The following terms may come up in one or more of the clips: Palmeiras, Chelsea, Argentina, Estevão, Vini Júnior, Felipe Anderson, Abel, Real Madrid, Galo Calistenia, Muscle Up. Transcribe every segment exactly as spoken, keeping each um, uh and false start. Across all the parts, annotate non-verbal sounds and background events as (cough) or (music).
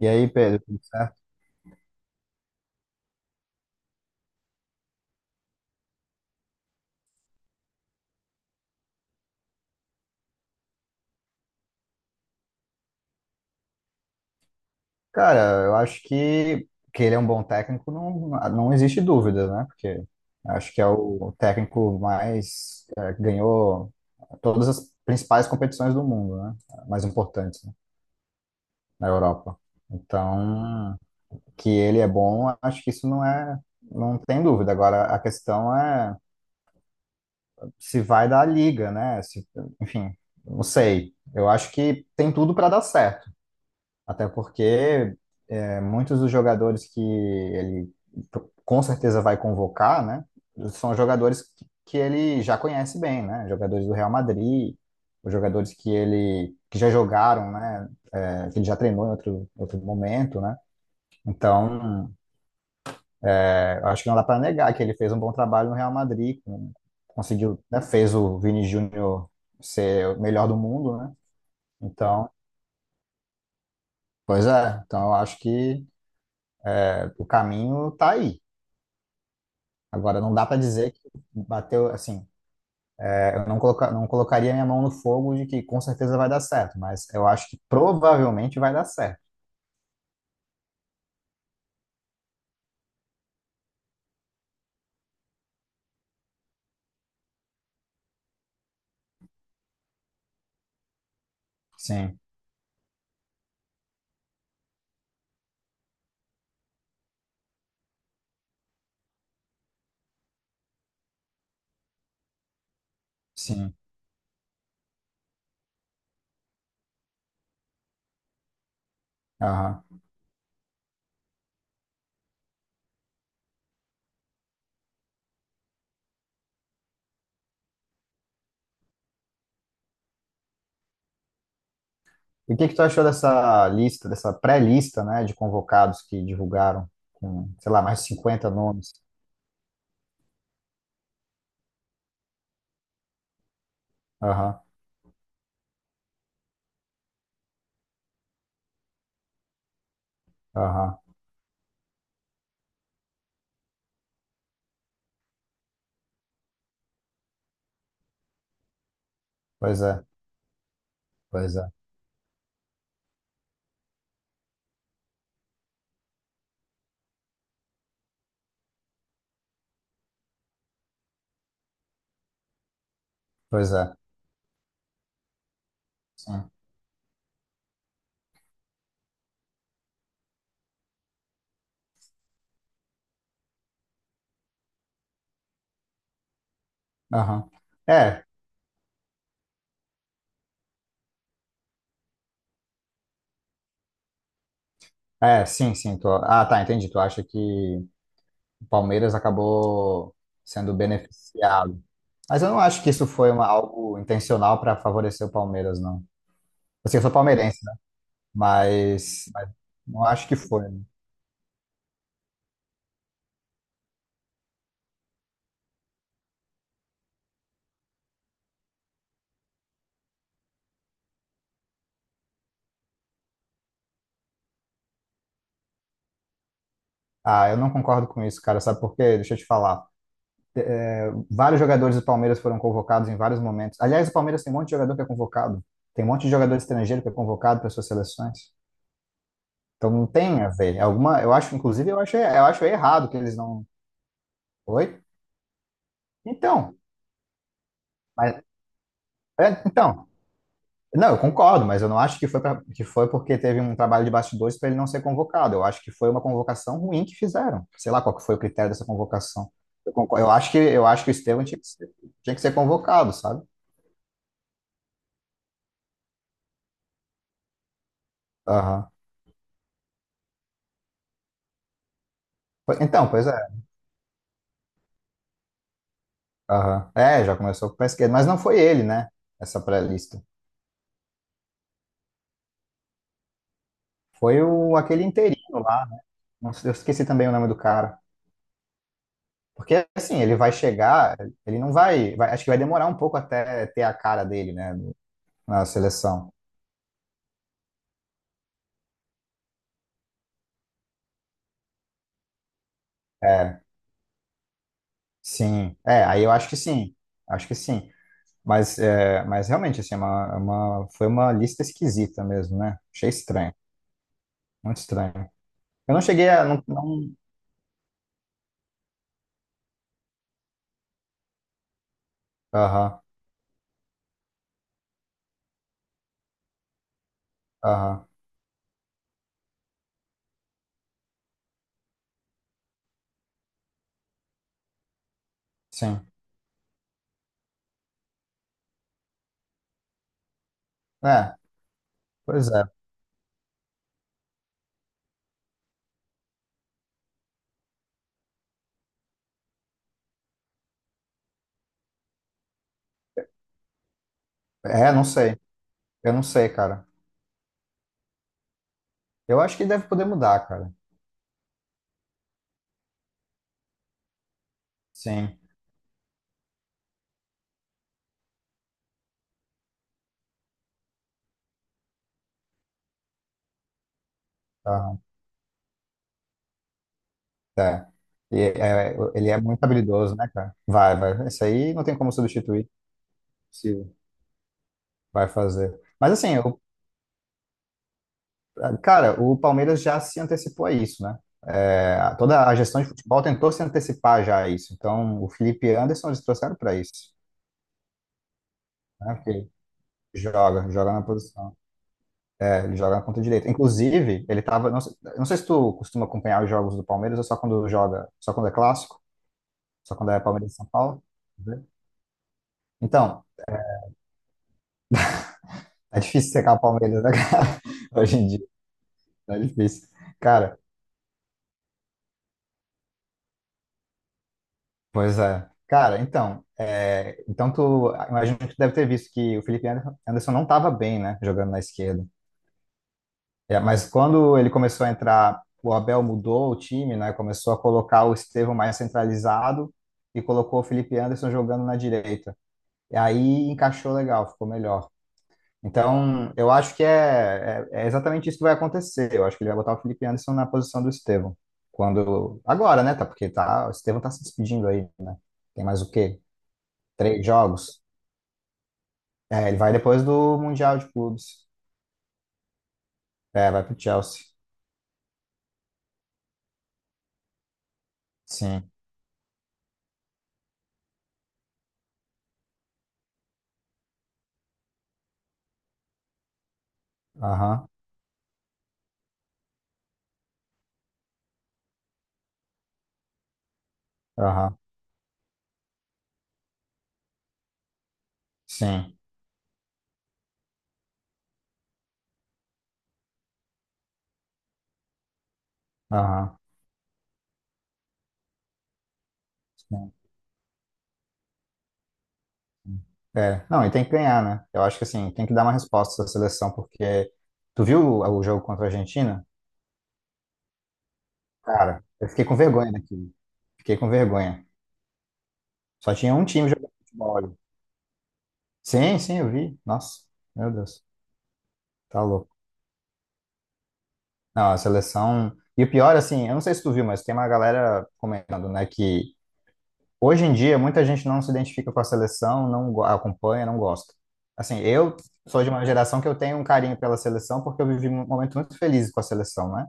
E aí, Pedro, tudo certo? Cara, eu acho que, que ele é um bom técnico, não, não existe dúvida, né? Porque acho que é o técnico mais é, que ganhou todas as principais competições do mundo, né? Mais importantes, né? Na Europa. Então, que ele é bom, acho que isso não é, não tem dúvida. Agora, a questão é se vai dar a liga, né? Se, enfim, não sei. Eu acho que tem tudo para dar certo. Até porque é, muitos dos jogadores que ele com certeza vai convocar, né? São jogadores que que ele já conhece bem, né? Jogadores do Real Madrid, os jogadores que ele que já jogaram, né? É, que ele já treinou em outro, outro momento, né? Então, é, eu acho que não dá para negar que ele fez um bom trabalho no Real Madrid, com- conseguiu, né? Fez o Vini Júnior ser o melhor do mundo, né? Então, pois é. Então, eu acho que é, o caminho tá aí. Agora, não dá para dizer que bateu, assim, é, eu não, coloca, não colocaria minha mão no fogo de que com certeza vai dar certo, mas eu acho que provavelmente vai dar certo. Sim, sim. Aham. E o que que tu achou dessa lista, dessa pré-lista, né, de convocados que divulgaram com, sei lá, mais de cinquenta nomes? Aham, aham. Pois é, pois é, pois é. Sim. Aham. É, é, sim, sim. tu- Ah, tá, entendi. Tu acha que o Palmeiras acabou sendo beneficiado? Mas eu não acho que isso foi uma- algo intencional para favorecer o Palmeiras, não. Assim, eu sou palmeirense, né? Mas, mas não acho que foi, né? Ah, eu não concordo com isso, cara. Sabe por quê? Deixa eu te falar. Vários jogadores do Palmeiras foram convocados em vários momentos. Aliás, o Palmeiras tem um monte de jogador que é convocado. Tem um monte de jogador estrangeiro que é convocado para suas seleções. Então não tem a ver. É alguma, eu acho, inclusive, eu acho, eu acho errado que eles não. Oi? Então, mas, é, então. Não, eu concordo, mas eu não acho que foi, pra, que foi porque teve um trabalho de bastidores para ele não ser convocado. Eu acho que foi uma convocação ruim que fizeram. Sei lá qual que foi o critério dessa convocação. Eu concordo, eu acho que eu acho que o Estevão tinha que ser, tinha que ser convocado, sabe? Aham. Po- Então, pois é. Aham. É, já começou com o pé esquerdo, mas não foi ele, né? Essa pré-lista. Foi o aquele interino lá, né? Não sei- Eu esqueci também o nome do cara. Porque assim, ele vai chegar, ele não vai, vai- acho que vai demorar um pouco até ter a cara dele, né, na seleção. É. Sim, é, aí eu acho que sim, acho que sim. Mas, é, mas realmente, assim, é uma, é uma- foi uma lista esquisita mesmo, né? Achei estranho, muito estranho. Eu não cheguei a. Não, não... Aham, aham, sim. É, pois é. É, não sei, eu não sei, cara. Eu acho que deve poder mudar, cara. Sim, aham, é. E, é, ele é muito habilidoso, né, cara? Vai, vai. Isso aí não tem como substituir, se vai fazer. Mas assim, eu cara, o Palmeiras já se antecipou a isso, né? É, toda a gestão de futebol tentou se antecipar já a isso. Então, o Felipe Anderson eles trouxeram para isso, né? Porque joga, joga na posição, é, ele joga na ponta direita. Inclusive, ele tava, não sei, não sei se tu costuma acompanhar os jogos do Palmeiras ou só quando joga, só quando é clássico, só quando é Palmeiras e São Paulo, né? Então, é difícil secar o Palmeiras, né, cara? (laughs) Hoje em dia, é difícil. Cara, pois é. Cara, então, é, então tu ah, imagino que tu deve ter visto que o Felipe Ander- Anderson não estava bem, né, jogando na esquerda. É, mas quando ele começou a entrar, o Abel mudou o time, né, começou a colocar o Estevão mais centralizado e colocou o Felipe Anderson jogando na direita. E aí encaixou legal, ficou melhor. Então, eu acho que é, é, é exatamente isso que vai acontecer. Eu acho que ele vai botar o Felipe Anderson na posição do Estevão. Quando, agora, né, tá, porque tá, o Estevão tá se despedindo aí, né? Tem mais o quê? Três jogos? É, ele vai depois do Mundial de Clubes. É, vai pro Chelsea. Sim. Aham. Aham. Sim. Aham. Sim. É. Não, e tem que ganhar, né? Eu acho que assim, tem que dar uma resposta essa seleção, porque tu viu o, o jogo contra a Argentina? Cara, eu fiquei com vergonha daquilo. Fiquei com vergonha. Só tinha um time jogando futebol ali. Sim, sim, eu vi. Nossa, meu Deus, tá louco. Não, a seleção. E o pior, assim, eu não sei se tu viu, mas tem uma galera comentando, né, que hoje em dia, muita gente não se identifica com a seleção, não go- acompanha, não gosta. Assim, eu sou de uma geração que eu tenho um carinho pela seleção porque eu vivi um momento muito feliz com a seleção, né?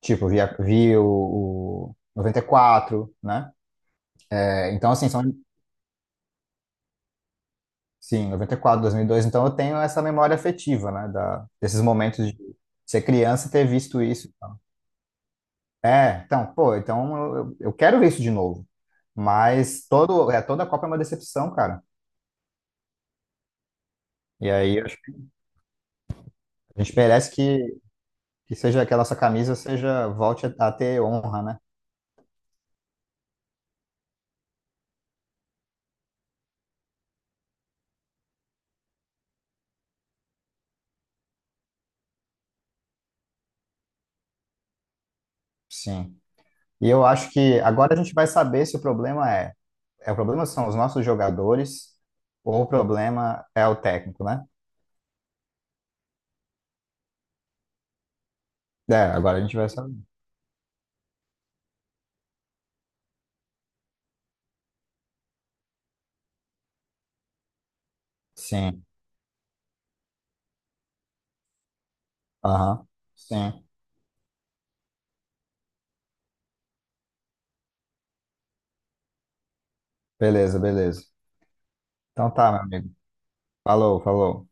Tipo, vi, a- vi o, o noventa e quatro, né? É, então, assim, são, sim, noventa e quatro, dois mil e dois. Então, eu tenho essa memória afetiva, né? Da, desses momentos de ser criança e ter visto isso. É, então, pô, então eu, eu eu quero ver isso de novo. Mas todo, é, toda a Copa é uma decepção, cara. E aí, eu acho que a gente merece que Que seja que a nossa camisa seja volte a a ter honra, né? Sim. E eu acho que agora a gente vai saber se o problema é, é o problema são os nossos jogadores ou o problema é o técnico, né? É, agora a gente vai saber. Sim. Aham. Sim. Beleza, beleza. Então tá, meu amigo. Falou, falou.